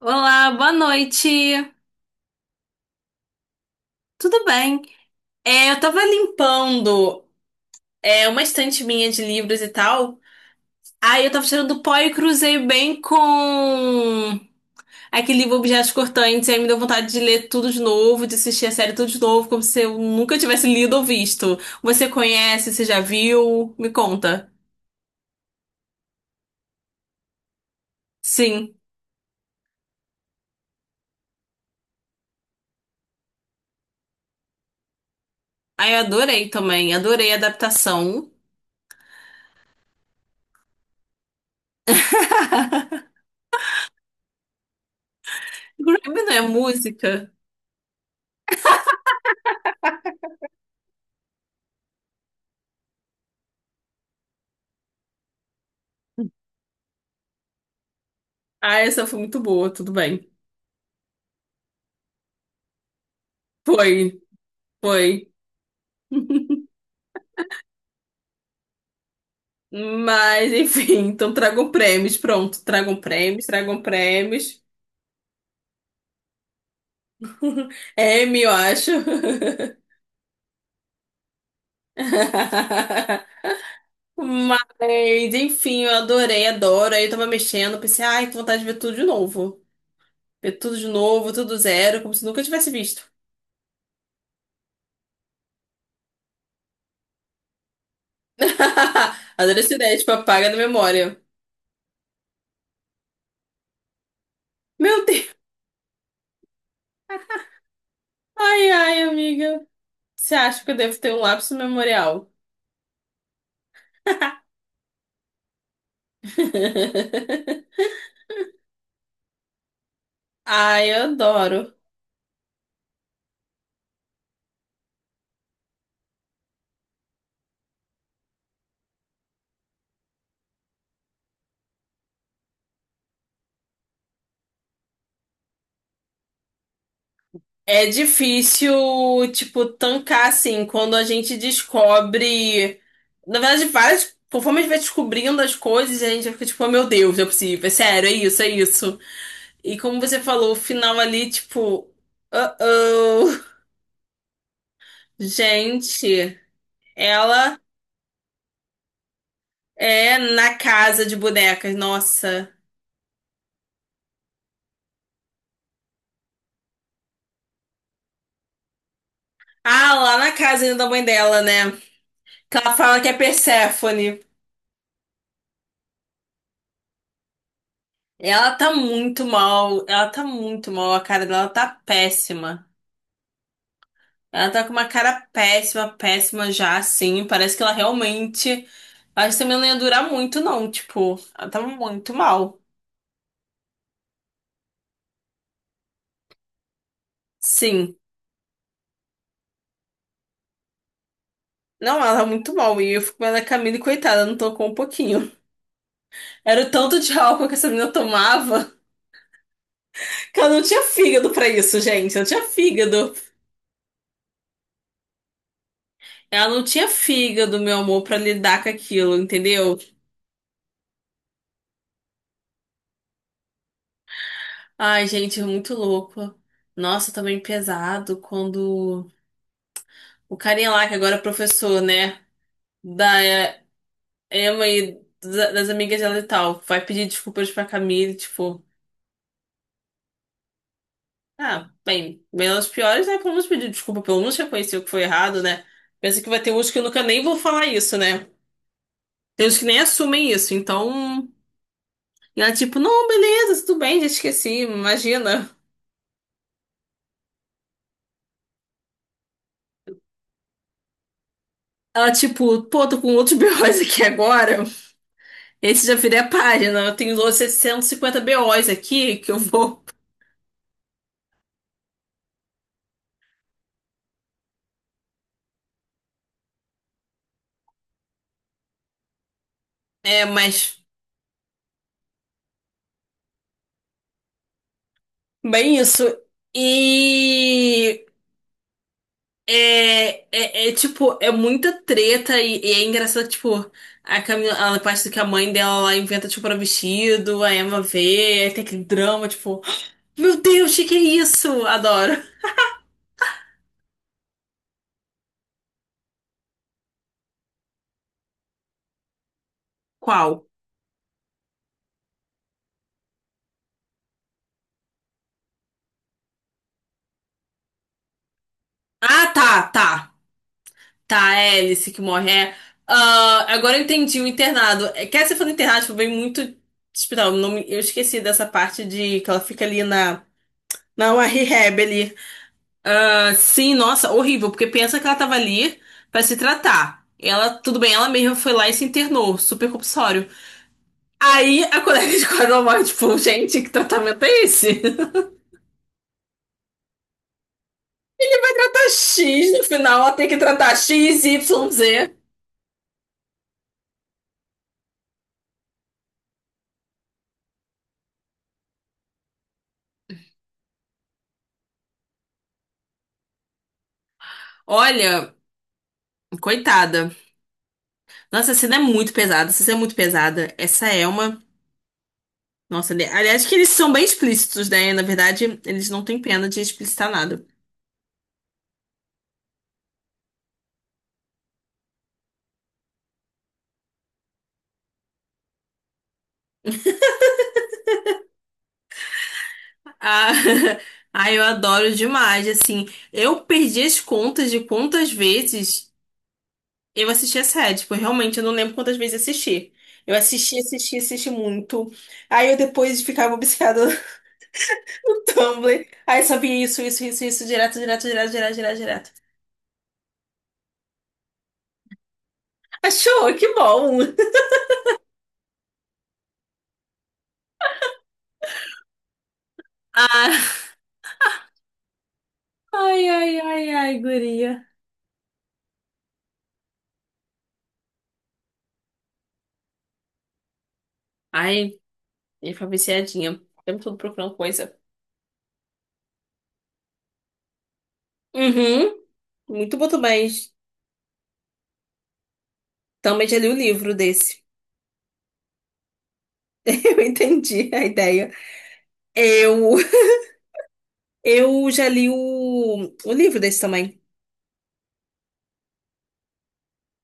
Olá, boa noite. Tudo bem? É, eu tava limpando uma estante minha de livros e tal. Aí eu tava tirando pó e cruzei bem com aquele livro Objetos Cortantes. Aí me deu vontade de ler tudo de novo, de assistir a série tudo de novo, como se eu nunca tivesse lido ou visto. Você conhece, você já viu? Me conta. Sim. Aí eu adorei também, adorei a adaptação. Grammy não é música? Ah, essa foi muito boa, tudo bem. Foi, foi. Mas, enfim, então tragam prêmios. Pronto, tragam prêmios, tragam prêmios. M, eu acho. Mas, enfim, eu adorei, adoro. Aí eu tava mexendo, pensei, ai, que vontade de ver tudo de novo. Ver tudo de novo, tudo zero, como se nunca tivesse visto. Adorei essa ideia, tipo, apaga da memória. Meu Deus. Ai, ai, amiga. Você acha que eu devo ter um lapso memorial? Ai, eu adoro. É difícil, tipo, tancar assim, quando a gente descobre. Na verdade, várias. Conforme a gente vai descobrindo as coisas, a gente fica tipo, oh, meu Deus, não é possível, é sério, é isso, é isso. E como você falou, o final ali, tipo, uh-oh. Gente, ela é na casa de bonecas, nossa. Ah, lá na casa ainda da mãe dela, né? Que ela fala que é Perséfone. Ela tá muito mal, ela tá muito mal, a cara dela tá péssima. Ela tá com uma cara péssima, péssima já, assim. Parece que ela realmente. Acho que também não ia durar muito, não. Tipo, ela tava muito mal. Sim. Não, ela tá muito mal. E eu fico vendo a Camille, coitada, não tocou um pouquinho. Era o tanto de álcool que essa menina tomava que ela não tinha fígado pra isso, gente. Não tinha fígado. Ela não tinha fígado, meu amor, pra lidar com aquilo, entendeu? Ai, gente, é muito louco. Nossa, também pesado quando o carinha lá, que agora é professor, né? Da Emma e das amigas dela e tal. Vai pedir desculpas pra Camille, tipo, ah, bem, menos piores, né? Pelo menos pedir desculpa, pelo menos reconhecer o que foi errado, né? Pensa que vai ter uns que nunca nem vão falar isso, né? Tem uns que nem assumem isso, então. E ela, tipo, não, beleza, tudo bem, já esqueci, imagina. Ela, tipo, pô, tô com outros BOs aqui agora. Esse já virei a página. Eu tenho outros 750 BOs aqui que eu vou. É, mas. Bem, isso. E. É, é, é, tipo, é muita treta e é engraçado, tipo, a Camila, a parte do que a mãe dela lá inventa, tipo, para vestido, a Emma vê, aí tem aquele drama, tipo, meu Deus, que é isso? Adoro. Qual? Ah, tá, tá. Tá, é a Alice que morre. É. Ah, agora eu entendi o internado. É, quer dizer, falando internado, tipo, vem muito hospital. Eu não me- eu esqueci dessa parte de que ela fica ali na uma rehab ali. Ah, sim, nossa, horrível, porque pensa que ela tava ali pra se tratar. Ela, tudo bem, ela mesma foi lá e se internou, super compulsório. Aí a colega de quadro ela morre, tipo, gente, que tratamento é esse? Tá X, no final ela tem que tratar X, Y, Z. Olha, coitada. Nossa, essa cena é muito pesada, essa cena é muito pesada. Essa é uma. Nossa, aliás, que eles são bem explícitos, né? Na verdade, eles não têm pena de explicitar nada. Ah, ai, eu adoro demais, assim. Eu perdi as contas de quantas vezes eu assisti a série. Tipo, realmente eu não lembro quantas vezes assisti. Eu assisti, assisti, assisti muito. Aí eu depois ficava obcecada no Tumblr. Aí só via isso, isso, isso, isso, direto, direto, direto, direto, direto, direto. Achou? Que bom! Ah, ai, ai, ai, ai, guria. Ai, eu fui viciadinha. O tempo todo procurando coisa. Uhum, muito bom também. Também já li o livro desse. Eu entendi a ideia. Eu, eu já li o livro desse também.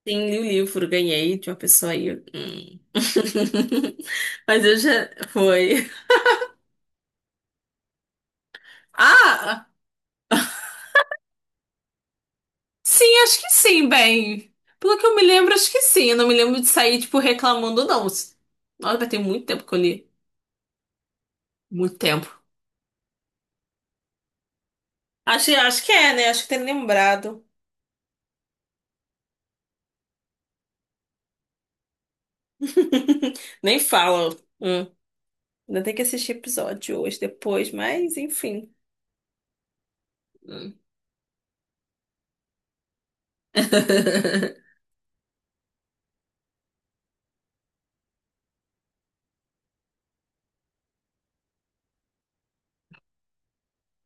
Sim, li o livro, ganhei de uma pessoa aí. Hum. Mas eu já. Foi. Ah, sim, acho que sim, bem. Pelo que eu me lembro, acho que sim. Eu não me lembro de sair, tipo, reclamando, não. Nossa, vai ter muito tempo que eu li. Muito tempo. Acho, acho que é, né? Acho que tem lembrado. Nem fala. Hum. Ainda tem que assistir episódio hoje, depois, mas enfim. Hum.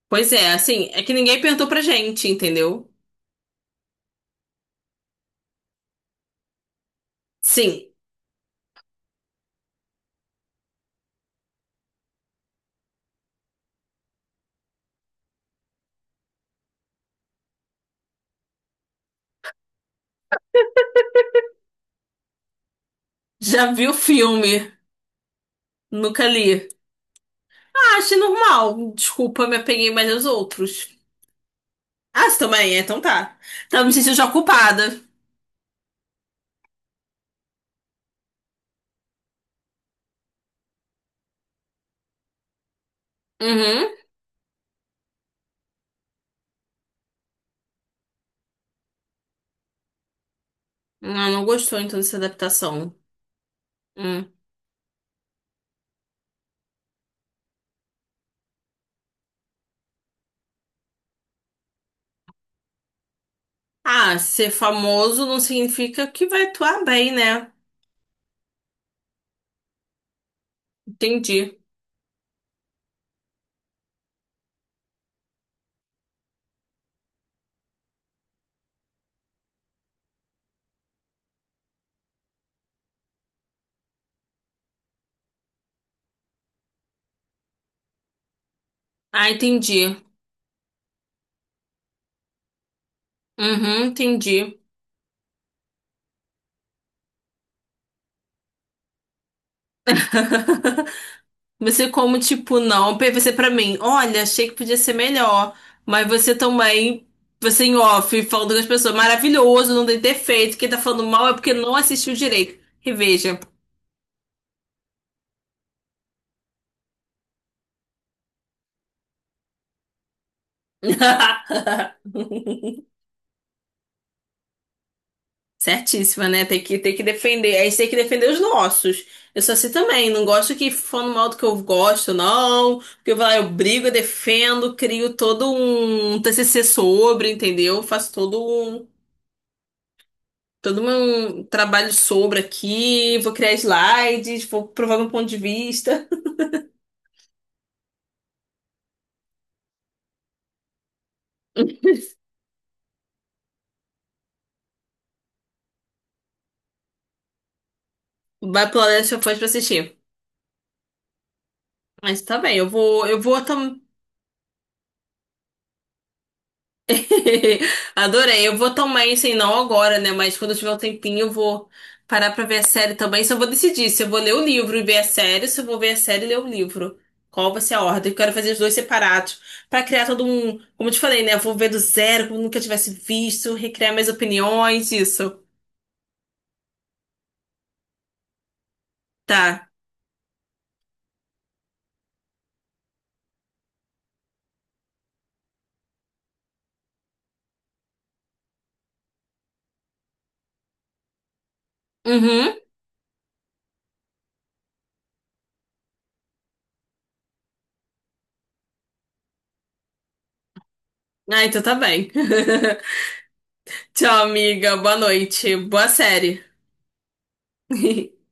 Pois é, assim, é que ninguém perguntou pra gente, entendeu? Sim, já vi o filme, nunca li. Ah, achei normal. Desculpa, me apeguei mais aos outros. Ah, você também? É, então tá. Então me senti já culpada. Uhum. Ah, não gostou então dessa adaptação. Hum. Ah, ser famoso não significa que vai atuar bem, né? Entendi. Ah, entendi. Uhum, entendi. Você como, tipo, não, pra você pra mim, olha, achei que podia ser melhor, mas você também, você em off, falando com as pessoas, maravilhoso, não tem defeito, quem tá falando mal é porque não assistiu direito. Reveja. Certíssima, né? Tem que defender, a gente tem que defender os nossos. Eu sou assim também, não gosto que falando mal do que eu gosto, não, porque eu vou lá, eu brigo, eu defendo, crio todo um TCC sobre, entendeu? Faço todo um todo meu trabalho sobre aqui, vou criar slides, vou provar meu ponto de vista. Vai pro Last of Us pra assistir. Mas tá bem, eu vou tam... Adorei, eu vou tomar isso aí, não agora, né? Mas quando eu tiver um tempinho, eu vou parar pra ver a série também. Só vou decidir se eu vou ler o livro e ver a série, ou se eu vou ver a série e ler o livro. Qual vai ser a ordem? Eu quero fazer os dois separados pra criar todo um, como eu te falei, né? Eu vou ver do zero, como eu nunca tivesse visto, recriar minhas opiniões, isso. Tá. Uhum. Ah, então tá bem. Tchau, amiga. Boa noite. Boa série.